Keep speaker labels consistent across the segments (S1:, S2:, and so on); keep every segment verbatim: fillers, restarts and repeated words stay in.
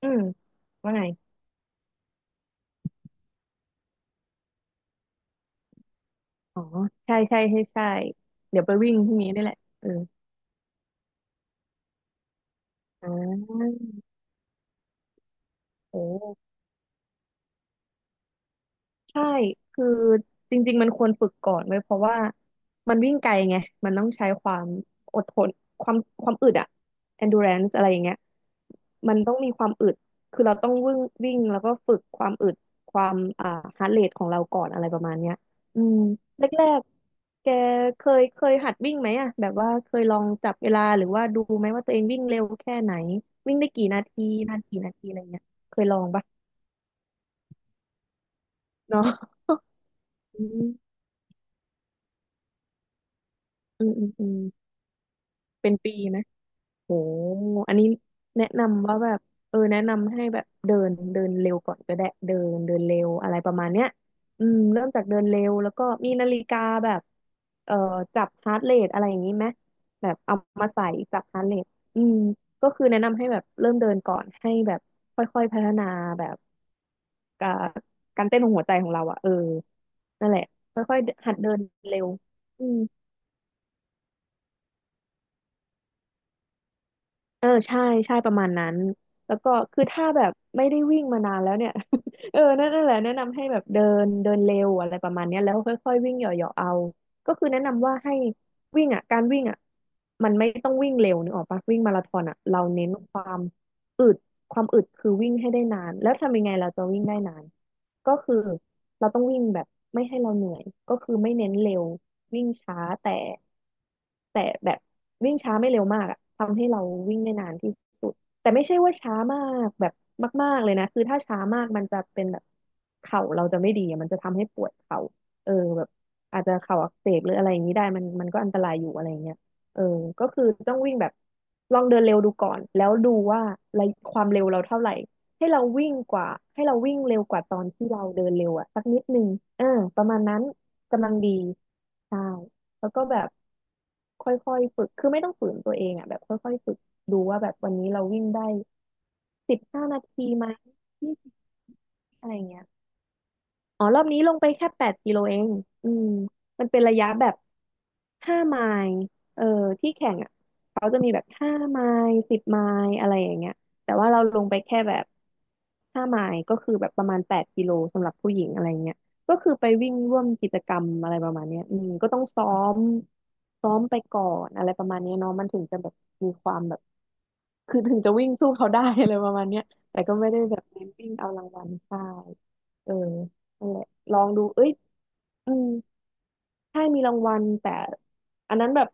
S1: อืมว่าไงอ๋อใช่ใช่ใช่ใช่เดี๋ยวไปวิ่งพรุ่งนี้ได้แหละเอออ่าโอ้ ใช่ คือจริงๆมันควรฝึกก่อนไว้ยเพราะว่ามันวิ่งไกลไง มันต้องใช้ความอดทนความความอึดอะ endurance อะไรอย่างเงี้ยมันต้องมีความอึด คือเราต้องวิ่งวิ่งแล้วก็ฝึกความอึดความอ่า heart rate ของเราก่อนอะไรประมาณเนี้ยอืมแรกๆแกเคยเคยหัดวิ่งไหมอะแบบว่าเคยลองจับเวลาหรือว่าดูไหมว่าตัวเองวิ่งเร็วแค่ไหนวิ่งได้กี่นาทีนานกี่นาทีอะไรเงี้ยเคยลองปะเนาะอืมอืมอืม เป็นปีไหมโหอันนี้แนะนำว่าแบบเออแนะนำให้แบบเดินเดินเร็วก่อนก็ได้เดินเดินเร็วอะไรประมาณเนี้ยอืมเริ่มจากเดินเร็วแล้วก็มีนาฬิกาแบบเอ่อจับฮาร์ทเรทอะไรอย่างนี้ไหมแบบเอามาใส่จับฮาร์ทเรทอืมก็คือแนะนำให้แบบเริ่มเดินก่อนให้แบบค่อยๆพัฒนาแบบการการเต้นของหัวใจของเราอะเออนั่นแหละค่อยๆหัดเดินเร็วอืม เออใช่ใช่ประมาณนั้นแล้วก็คือถ้าแบบไม่ได้วิ่งมานานแล้วเนี่ย เออนั่นนั่นแหละแนะนำให้แบบเดินเดินเร็วอะไรประมาณเนี้ยแล้วค่อยๆวิ่งเหยาะๆเอาก็คือแนะนำว่าให้วิ่งอ่ะการวิ่งอ่ะมันไม่ต้องวิ่งเร็วนึกออกปะวิ่งมาราธอนอ่ะเราเน้นความอึดความอึดคือวิ่งให้ได้นานแล้วทำยังไงเราจะวิ่งได้นานก็คือ เราต้องวิ่งแบบไม่ให้เราเหนื่อยก็คือไม่เน้นเร็ววิ่งช้าแต่แต่แบบวิ่งช้าไม่เร็วมากอะทำให้เราวิ่งได้นานที่สุดแต่ไม่ใช่ว่าช้ามากแบบมากๆเลยนะคือถ้าช้ามากมันจะเป็นแบบเข่าเราจะไม่ดีอะมันจะทำให้ปวดเข่าเออแบบอาจจะเข่าอักเสบหรืออะไรอย่างนี้ได้มันมันก็อันตรายอยู่อะไรอย่างเงี้ยเออก็คือต้องวิ่งแบบลองเดินเร็วดูก่อนแล้วดูว่าระยะความเร็วเราเท่าไหร่ ให้เราวิ่งกว่าให้เราวิ่งเร็วกว่าตอนที่เราเดินเร็วอะสักนิดนึงเออประมาณนั้นกำลังดีใช่แล้วก็แบบค่อยๆฝึกคือไม่ต้องฝืนตัวเองอะแบบค่อยๆฝึกดูว่าแบบวันนี้เราวิ่งได้สิบห้านาทีไหมยี่สิบอะไรเงี้ย อ๋อรอบนี้ลงไปแค่แปดกิโลเองอืมมันเป็นระยะแบบห้าไมล์เออที่แข่งอ่ะเขาจะมีแบบห้าไมล์สิบไมล์อะไรอย่างเงี้ยแต่ว่าเราลงไปแค่แบบห้าไมล์ก็คือแบบประมาณแปดกิโลสำหรับผู้หญิงอะไรเงี้ยก็คือไปวิ่งร่วมกิจกรรมอะไรประมาณเนี้ยอืมก็ต้องซ้อมซ้อมไปก่อนอะไรประมาณเนี้ยเนาะมันถึงจะแบบมีความแบบคือถึงจะวิ่งสู้เขาได้ อะไรประมาณเนี้ยแต่ก็ไม่ได้แบบเน้นวิ่งเอารางวัลใช่เออ นั่นแหละลองดูเอ้ยอืม ใช่มีรางวัลแต่อันนั้นแบบ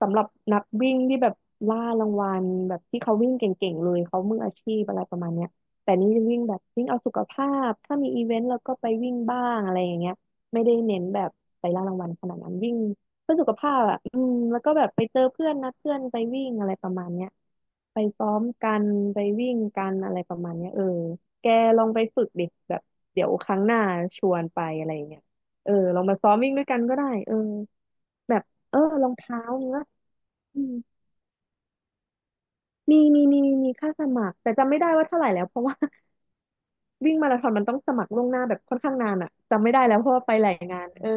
S1: สำหรับนักวิ่งที่แบบล่ารางวัลแบบที่เขาวิ่งเก่งๆเลยเขามืออาชีพอะไรประมาณเนี้ยแต่นี่วิ่งแบบวิ่งเอาสุขภาพถ้ามีอีเวนต์แล้วก็ไปวิ่งบ้างอะไรอย่างเงี้ยไม่ได้เน้นแบบไปล่ารางวัลขนาดนั้นวิ่งเพื่อสุขภาพอ่ะอืมแล้วก็แบบไปเจอเพื่อนนัดเพื่อนไปวิ่งอะไรประมาณเนี้ยไปซ้อมกันไปวิ่งกันอะไรประมาณเนี้ยเออแกลองไปฝึกดิแบบเดี๋ยวครั้งหน้าชวนไปอะไรอย่างเงี้ย เออลองมาซ้อมวิ่งด้วยกันก็ได้เออแบบเออรองเท้าเนื้ออืมมีมีมีมีค่าสมัครแต่จำไม่ได้ว่าเท่าไหร่แล้วเพราะว่า วิ่งมาราธอนมันต้องสมัครล่วงหน้าแบบค่อนข้างนานอะจำไม่ได้แล้วเพราะว่าไปหลายงานเออ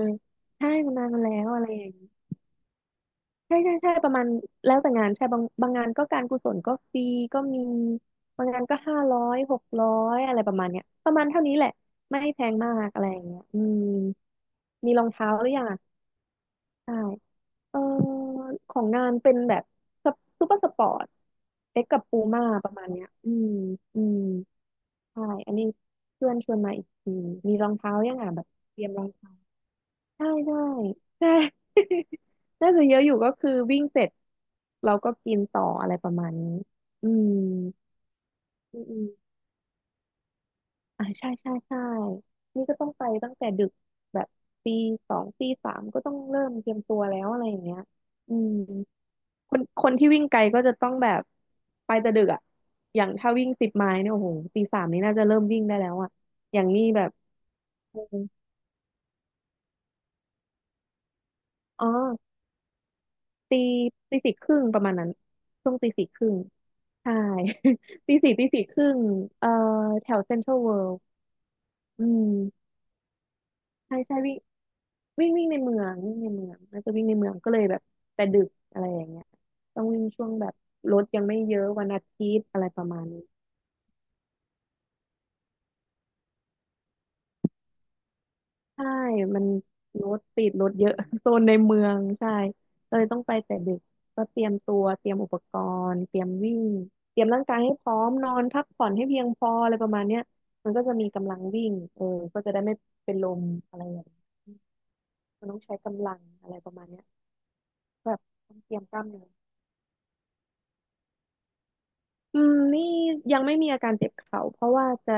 S1: ใช่มันนานมาแล้วอะไรอย่างนี้ใช่ใช่ใช่ประมาณแล้วแต่งานใช่บางบางงานก็การกุศลก็ฟรีก็มีบางงานก็ห้าร้อยหกร้อยอะไรประมาณเนี้ยประมาณเท่านี้แหละไม่แพงมากอะไรอย่างเงี้ยอืมมีรองเท้าหรือยังอะใช่ เออของนานเป็นแบบซูเปอร์สปอร์ตเอ็กกับปูม่าประมาณเนี้ยอืมอืมใช่อันนี้เพื่อนชวนมาอีกทีมีรองเท้ายังอ่ะแบบเตรียมรองเท้าใช่ได้ใช่ น่าจะเยอะอยู่ก็คือวิ่งเสร็จเราก็กินต่ออะไรประมาณนี้อืมอืมอมอ่าใช่ใช่ใช่นี่ก็ต้องไปตั้งแต่ดึกแบบตีสองตีสามก็ต้องเริ่มเตรียมตัวแล้วอะไรอย่างเงี้ยอืม คนคนที่วิ่งไกลก็จะต้องแบบไปแต่ดึกอ่ะอย่างถ้าวิ่งสิบไมล์เนี่ยโอ้โหตีสามนี่น่าจะเริ่มวิ่งได้แล้วอ่ะอย่างนี้แบบอมอ๋อตีตีสี่ครึ่งประมาณนั้นช่วงตีสี่ครึ่งใช่ ตีสี่ตีสี่ครึ่งเอ่อแถวเซ็นทรัลเวิลด์อืมใช่ใช่วิ่งวิ่งวิ่งในเมืองวิ่งในเมืองน่าจะวิ่งในเมืองก็เลยแบบแต่ดึกอะไรอย่างเงี้ยต้องวิ่งช่วงแบบรถยังไม่เยอะวันอาทิตย์อะไรประมาณนี้ ใช่มันรถติดรถเยอะ โซนในเมืองใช่เลยต้องไปแต่ดึกก็เตรียมตัวเตรียมอุปกรณ์เตรียมวิ่งเตรียมร่างกายให้พร้อมนอนพักผ่อนให้เพียงพออะไรประมาณเนี้ยมันก็จะมีกำลังวิ่งเออก็จะได้ไม่เป็นลมอะไรอย่างเงี้ยมันต้องใช้กำลังอะไรประมาณเนี้ยแบบต้องเตรียมกล้ามเนื้อ อืมนี่ยังไม่มีอาการเจ็บเข่าเพราะว่าจะ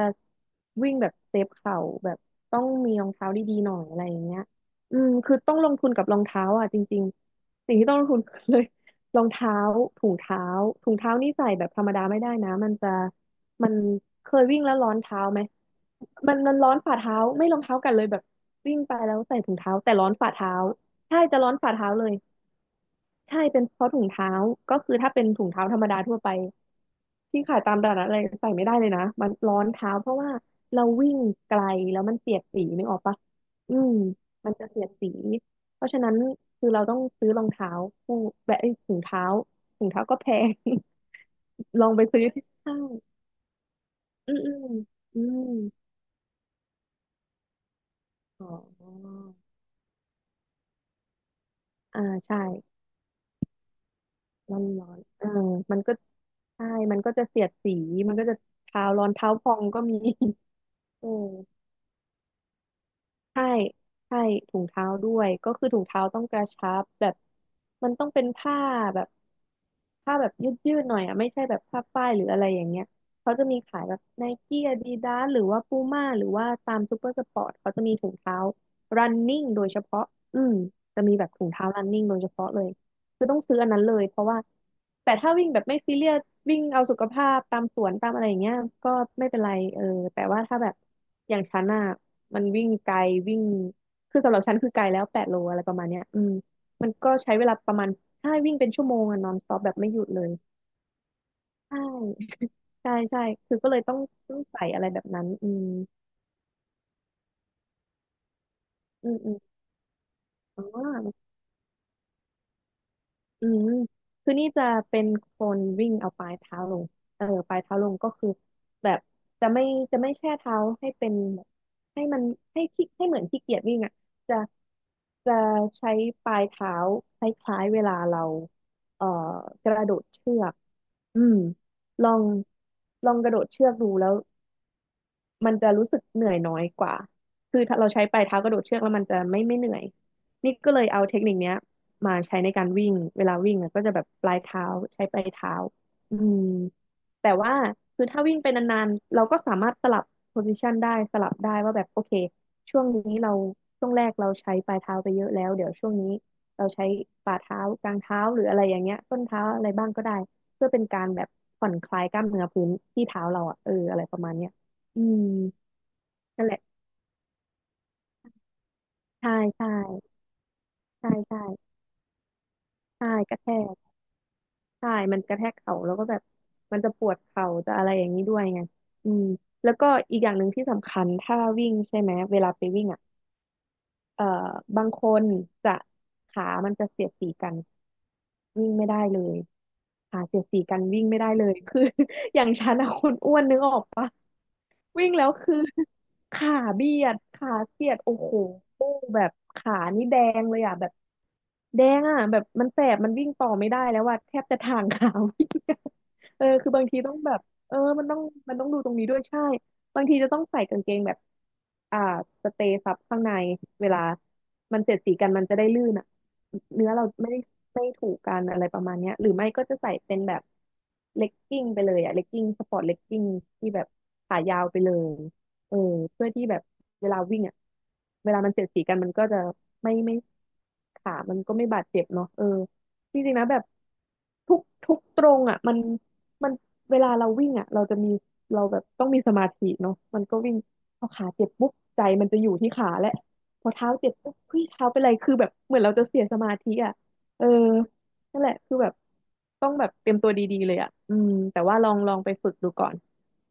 S1: วิ่งแบบเซฟเข่าแบบต้องมีรองเท้าดีๆหน่อยอะไรอย่างเงี้ยอืมคือต้องลงทุนกับรองเท้าอ่ะจริงๆสิ่งที่ต้องลงทุนคือเลย รองเท้าถุงเท้าถุงเท้านี่ใส่แบบธรรมดาไม่ได้นะมันจะมันเคยวิ่งแล้วร้อนเท้าไหมมันมันร้อนฝ่าเท้าไม่รองเท้ากันเลยแบบวิ่งไปแล้วใส่ถุงเท้าแต่ร้อนฝ่าเท้าใช่จะร้อนฝ่าเท้าเลยใช่เป็นเพราะถุงเท้าก็คือถ้าเป็นถุงเท้าธรรมดาทั่วไป ที่ขายตามตลาดนัดอะไรใส่ไม่ได้เลยนะมันร้อนเท้าเพราะว่าเราวิ่งไกลแล้วมันเสียดสีนึกออกปะอืมมันจะเสียดสีเพราะฉะนั้นคือเราต้องซื้อรองเท้าคู่แบบเอ้ยถุงเท้าถุงเท้าก็แพง ลองไปซื้อที่ห้างอืมอืมอืมอ๋ออ่าใช่ร้อนร้อนเออมันก็ใช่มันก็จะเสียดสีมันก็จะเท้าร้อนเท้าพองก็มี เออ ใช่ใช่ถุงเท้าด้วยก็คือถุงเท้าต้องกระชับแบบมันต้องเป็นผ้าแบบผ้าแบบยืดๆหน่อยอ่ะไม่ใช่แบบผ้าฝ้ายหรืออะไรอย่างเงี้ยเขาจะมีขายแบบไนกี้อาดิดาสหรือว่าปูม่าหรือว่าตามซูเปอร์สปอร์ตเขาจะมีถุงเท้า running โดยเฉพาะอืมจะมีแบบถุงเท้า running โดยเฉพาะเลยคือต้องซื้ออันนั้นเลยเพราะว่าแต่ถ้าวิ่งแบบไม่ซีเรียสวิ่งเอาสุขภาพตามสวนตามอะไรอย่างเงี้ยก็ไม่เป็นไรเออแต่ว่าถ้าแบบอย่างฉันอ่ะ มันวิ่งไกลวิ่งคือสำหรับฉันคือไกลแล้วแปดโลอะไรประมาณเนี้ยอืมมันก็ใช้เวลาประมาณใช่วิ่งเป็นชั่วโมงอะนอนสต็อปแบบไม่หยุดเลยใช่ใช่ใช่คือก็เลยต้องต้องใส่อะไรแบบนั้นอืมอืมอืมอ๋อ อืมคือนี่จะเป็นคนวิ่งเอาปลายเท้าลงเออปลายเท้าลงก็คือแบบจะไม่จะไม่แช่เท้าให้เป็นแบบให้มันให้ขี้ให้เหมือนขี้เกียจวิ่งอ่ะจะจะใช้ปลายเท้าคล้ายๆเวลาเราเอ่อกระโดดเชือกอืมลองลองกระโดดเชือกดูแล้ว มันจะรู้สึกเหนื่อยน้อยกว่า คือถ้าเราใช้ปลายเท้ากระโดดเชือกแล้วมันจะไม่ไม่เหนื่อย นี่ก็เลยเอาเทคนิคเนี้ยมาใช้ในการวิ่งเวลาวิ่งอะก็จะแบบปลายเท้าใช้ปลายเท้าอืมแต่ว่าคือถ้าวิ่งไปนานๆเราก็สามารถสลับโพซิชันได้สลับได้ว่าแบบโอเคช่วงนี้เราช่วงแรกเราใช้ปลายเท้าไปเยอะแล้วเดี๋ยวช่วงนี้เราใช้ฝ่าเท้ากลางเท้าหรืออะไรอย่างเงี้ยต้นเท้าอะไรบ้างก็ได้เพื่อเป็นการแบบผ่อนคลายกล้ามเนื้อพื้นที่เท้าเราอ่ะเอออะไรประมาณเนี้ยอืม นั่นแหละใช่ใช่ใช่ใช่ใช่กระแทกใช่มันกระแทกเข่าแล้วก็แบบมันจะปวดเข่าจะอะไรอย่างนี้ด้วยไงอืมแล้วก็อีกอย่างหนึ่งที่สำคัญถ้าวิ่งใช่ไหมเวลาไปวิ่งอ่ะเอ่อบางคนจะขามันจะเสียดสีกันวิ่งไม่ได้เลยขาเสียดสีกันวิ่งไม่ได้เลยคือ อย่างฉันอะคนอ้วนนึกออกปะ วิ่งแล้วคือ ขาเบียดขาเสียดโอ้โหแบบขานี่แดงเลยอ่ะแบบแดงอ่ะแบบมันแสบมันวิ่งต่อไม่ได้แล้วว่าแทบจะทางขา วิ่ง เออคือบางทีต้องแบบเออมันต้องมันต้องดูตรงนี้ด้วยใช่ บางทีจะต้องใส่กางเกงแบบอ่าสเตย์ซับข้างในเวลามันเสียดสีกันมันจะได้ลื่นอ่ะเนื้อเราไม่ได้ไม่ถูกกันอะไรประมาณเนี้ยหรือไม่ก็จะใส่เป็นแบบเลกกิ้งไปเลยอ่ะเลกกิ้งสปอร์ตเลกกิ้งที่แบบขายาวไปเลยเออเพื่อที่แบบเวลาวิ่งอ่ะเวลามันเสียดสีกันมันก็จะไม่ไม่ขามันก็ไม่บาดเจ็บเนาะเออจริงๆนะแบบทุกทุกตรงอ่ะมันมันเวลาเราวิ่งอ่ะเราจะมี เราแบบต้องมีสมาธิเนาะมันก็วิ่งพอขาเจ็บปุ๊บใจมันจะอยู่ที่ขาแหละพอเท้าเจ็บปุ๊บเฮ้ยเท้าเป็นไรคือแบบเหมือนเราจะเสียสมาธิอ่ะเออนั่นแหละคือแบบต้องแบบเตรียมตัวดีๆเลยอ่ะอืมแต่ว่าลองลองไปฝึกดูก่อน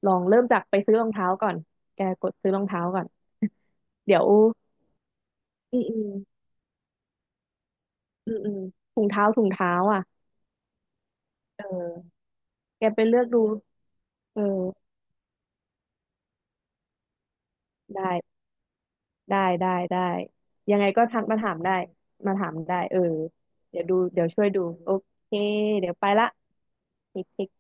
S1: ลองเริ่มจากไปซื้อรองเท้าก่อนแกกดซื้อรองเท้าก่อนเดี๋ยวอืมอืมอืมอืมถุงเท้าถุงเท้าอ่ะเออแกไปเลือกดูเออได้ ได้ได้ได้ยังไงก็ทักมาถามได้มาถามได้เออเดี๋ยวดูเดี๋ยวช่วยดูโอเคเดี๋ยวไปละเค้ก